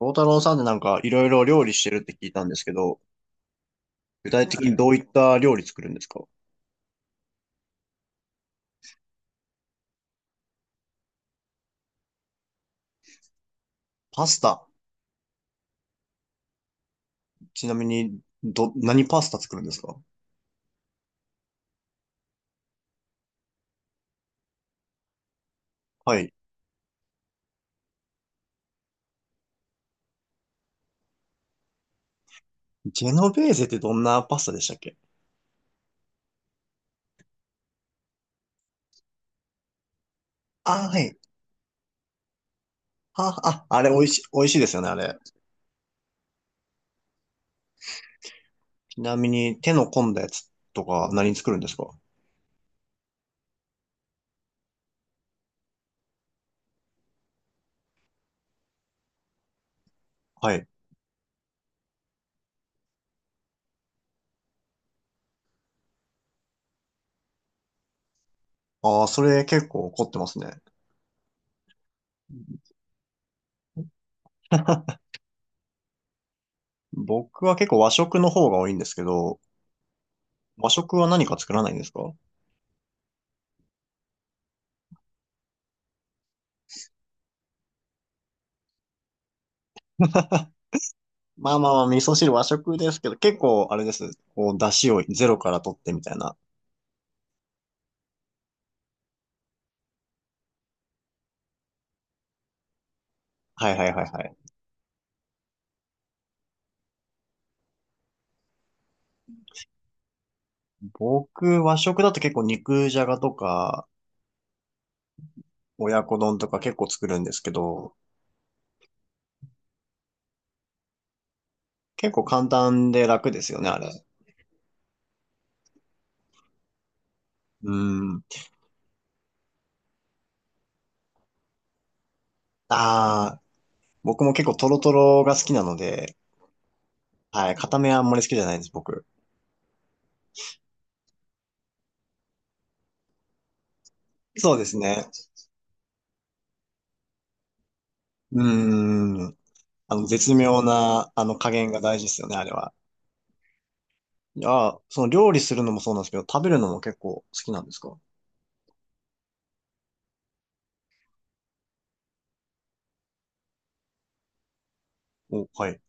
大太郎さんでなんかいろいろ料理してるって聞いたんですけど、具体は的いにどういった料理作るんですか？パスタ。ちなみに、何パスタ作るんですか？はい。ジェノベーゼってどんなパスタでしたっけ？あ、はい。あ、あれ美味しいですよね、あれ。ちなみに手の込んだやつとか何作るんですか？はい。ああ、それ結構凝ってますね。僕は結構和食の方が多いんですけど、和食は何か作らないんですか？ まあまあまあ、味噌汁和食ですけど、結構あれです。こう、出汁をゼロから取ってみたいな。はいはいはいはい。僕、和食だと結構肉じゃがとか、親子丼とか結構作るんですけど、結構簡単で楽ですよね、あれ。うん。ああ、僕も結構トロトロが好きなので、はい、硬めはあんまり好きじゃないです、僕。そうですね。うーん。絶妙な、加減が大事ですよね、あれは。いや、その料理するのもそうなんですけど、食べるのも結構好きなんですか？お、はい。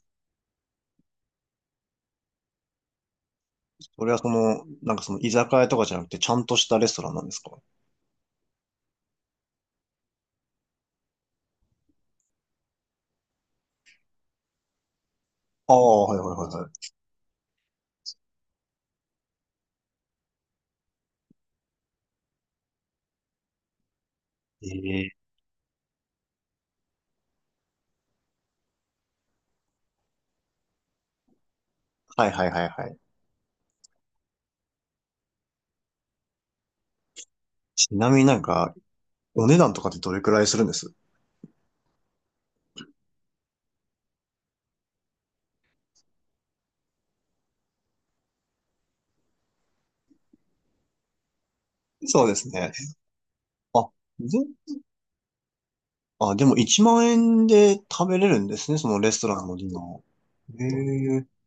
それはその、なんかその居酒屋とかじゃなくて、ちゃんとしたレストランなんですか？ああ、はいはいはいはい。ええ、はいはいはいはい。ちなみになんか、お値段とかってどれくらいするんです？そうですね。あ、で、でも1万円で食べれるんですね、そのレストランのディナー。ええ。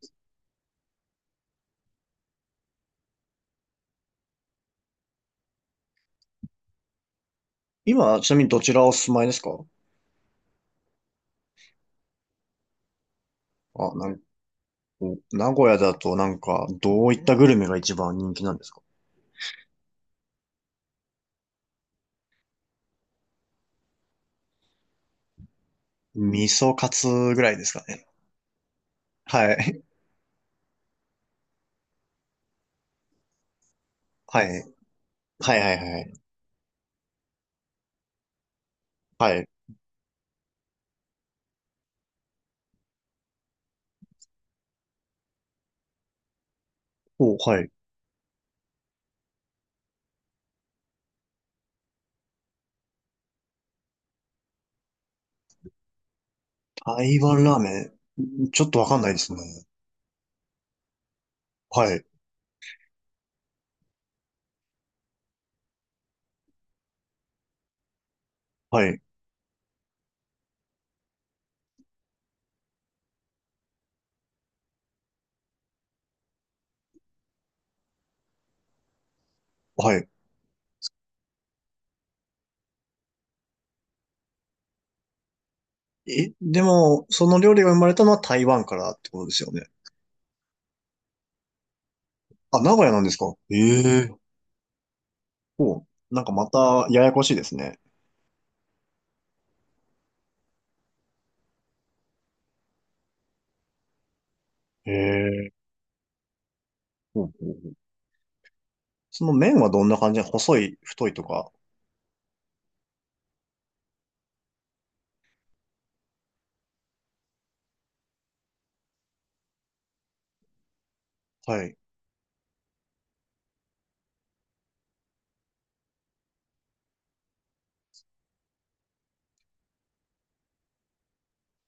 今、ちなみにどちらお住まいですか？あ、なんか、名古屋だとなんか、どういったグルメが一番人気なんですか？味噌カツぐらいですかね。はい。はい。はいはいはいはい。お、はい。台湾ラーメン、ちょっとわかんないですね。はい、はい、はい。え、でも、その料理が生まれたのは台湾からってことですよね。あ、名古屋なんですか？ええ。お、なんかまたややこしいですね。ええ。ほうほうほう。その麺はどんな感じなの？細い、太いとか。はい。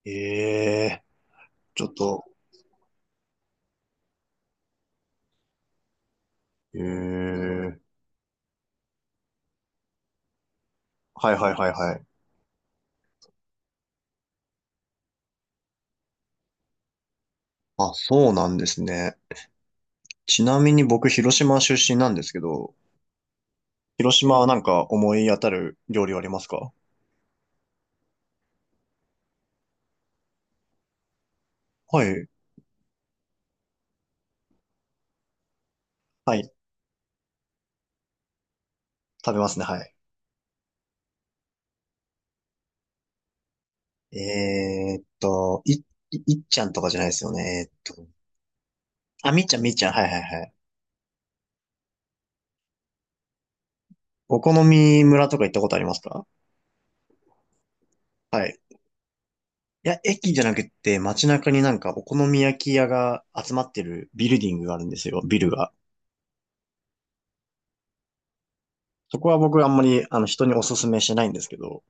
ええ、ちょっと、ええ、はいはいはいはい。あ、そうなんですね。ちなみに僕、広島出身なんですけど、広島はなんか思い当たる料理はありますか？はい。はい。食べますね。はい。いいっちゃんとかじゃないですよね。あ、みっちゃん、みっちゃん。はいはいはい。お好み村とか行ったことありますか？はい。いや、駅じゃなくて街中になんかお好み焼き屋が集まってるビルディングがあるんですよ。ビルが。そこは僕あんまりあの人にお勧めしないんですけど。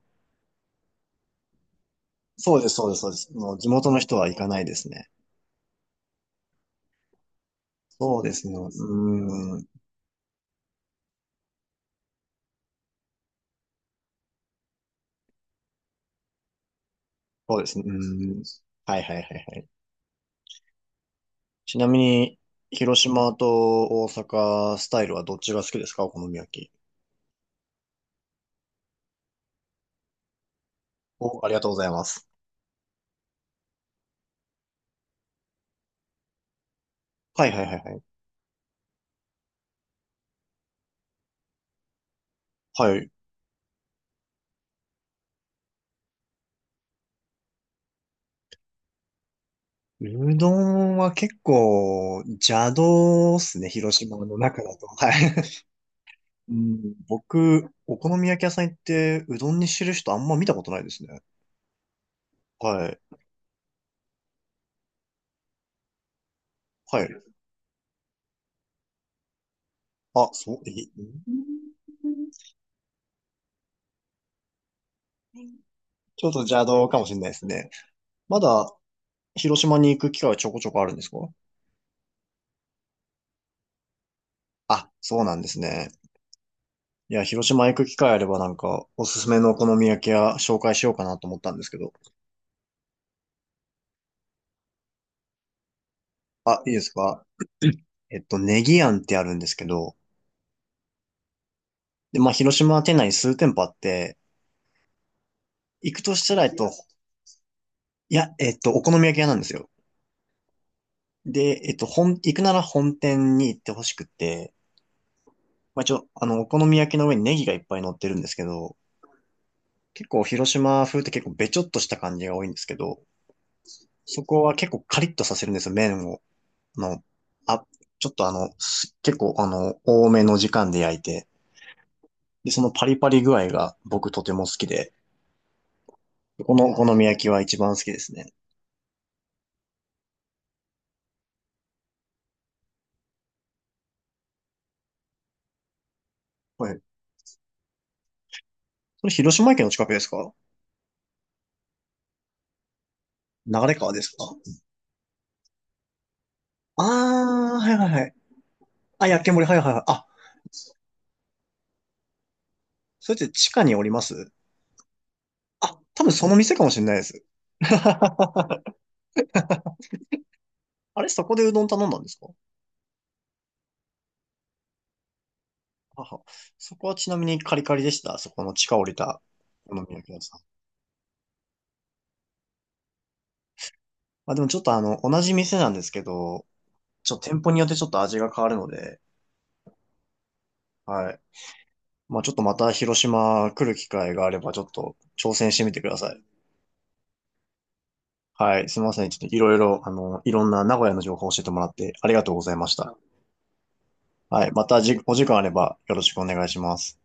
そうです、そうです、そうです。もう地元の人は行かないですね。そうですね。うーん。そうですね。うーん。はいはいはいはい。ちなみに、広島と大阪スタイルはどっちが好きですか？お好み焼き。お、ありがとうございます。はいはいはいはい。はい。うどんは結構邪道っすね、広島の中だと。はい。うん、僕、お好み焼き屋さん行ってうどんにしてる人あんま見たことないですね。はい。はい。あ、そう、ちょっと邪道かもしれないですね。まだ広島に行く機会はちょこちょこあるんですか？あ、そうなんですね。いや、広島行く機会あればなんか、おすすめのお好み焼き屋紹介しようかなと思ったんですけど。あ、いいですか？ネギ庵ってあるんですけど、で、まあ、広島店内に数店舗あって、行くとしたら、いや、お好み焼き屋なんですよ。で、行くなら本店に行ってほしくて、まあ、一応、お好み焼きの上にネギがいっぱい乗ってるんですけど、結構広島風って結構べちょっとした感じが多いんですけど、そこは結構カリッとさせるんですよ、麺を。あの、あ、ちょっと結構多めの時間で焼いて、で、そのパリパリ具合が僕とても好きで、このお好み焼きは一番好きですね。はい。それ広島県の近くですか？流川ですか？ああー、はいはいはい。あ、焼き森、はいはいはい。あ、それって地下におります？あ、多分その店かもしれないです。あれ、そこでうどん頼んだんですか？はは。そこはちなみにカリカリでした？そこの地下降りたお好み焼き屋さん。まあでもちょっと同じ店なんですけど、ちょっと店舗によってちょっと味が変わるので、はい。まあちょっとまた広島来る機会があればちょっと挑戦してみてください。はい。すみません。ちょっといろいろ、いろんな名古屋の情報を教えてもらってありがとうございました。はい。またお時間あればよろしくお願いします。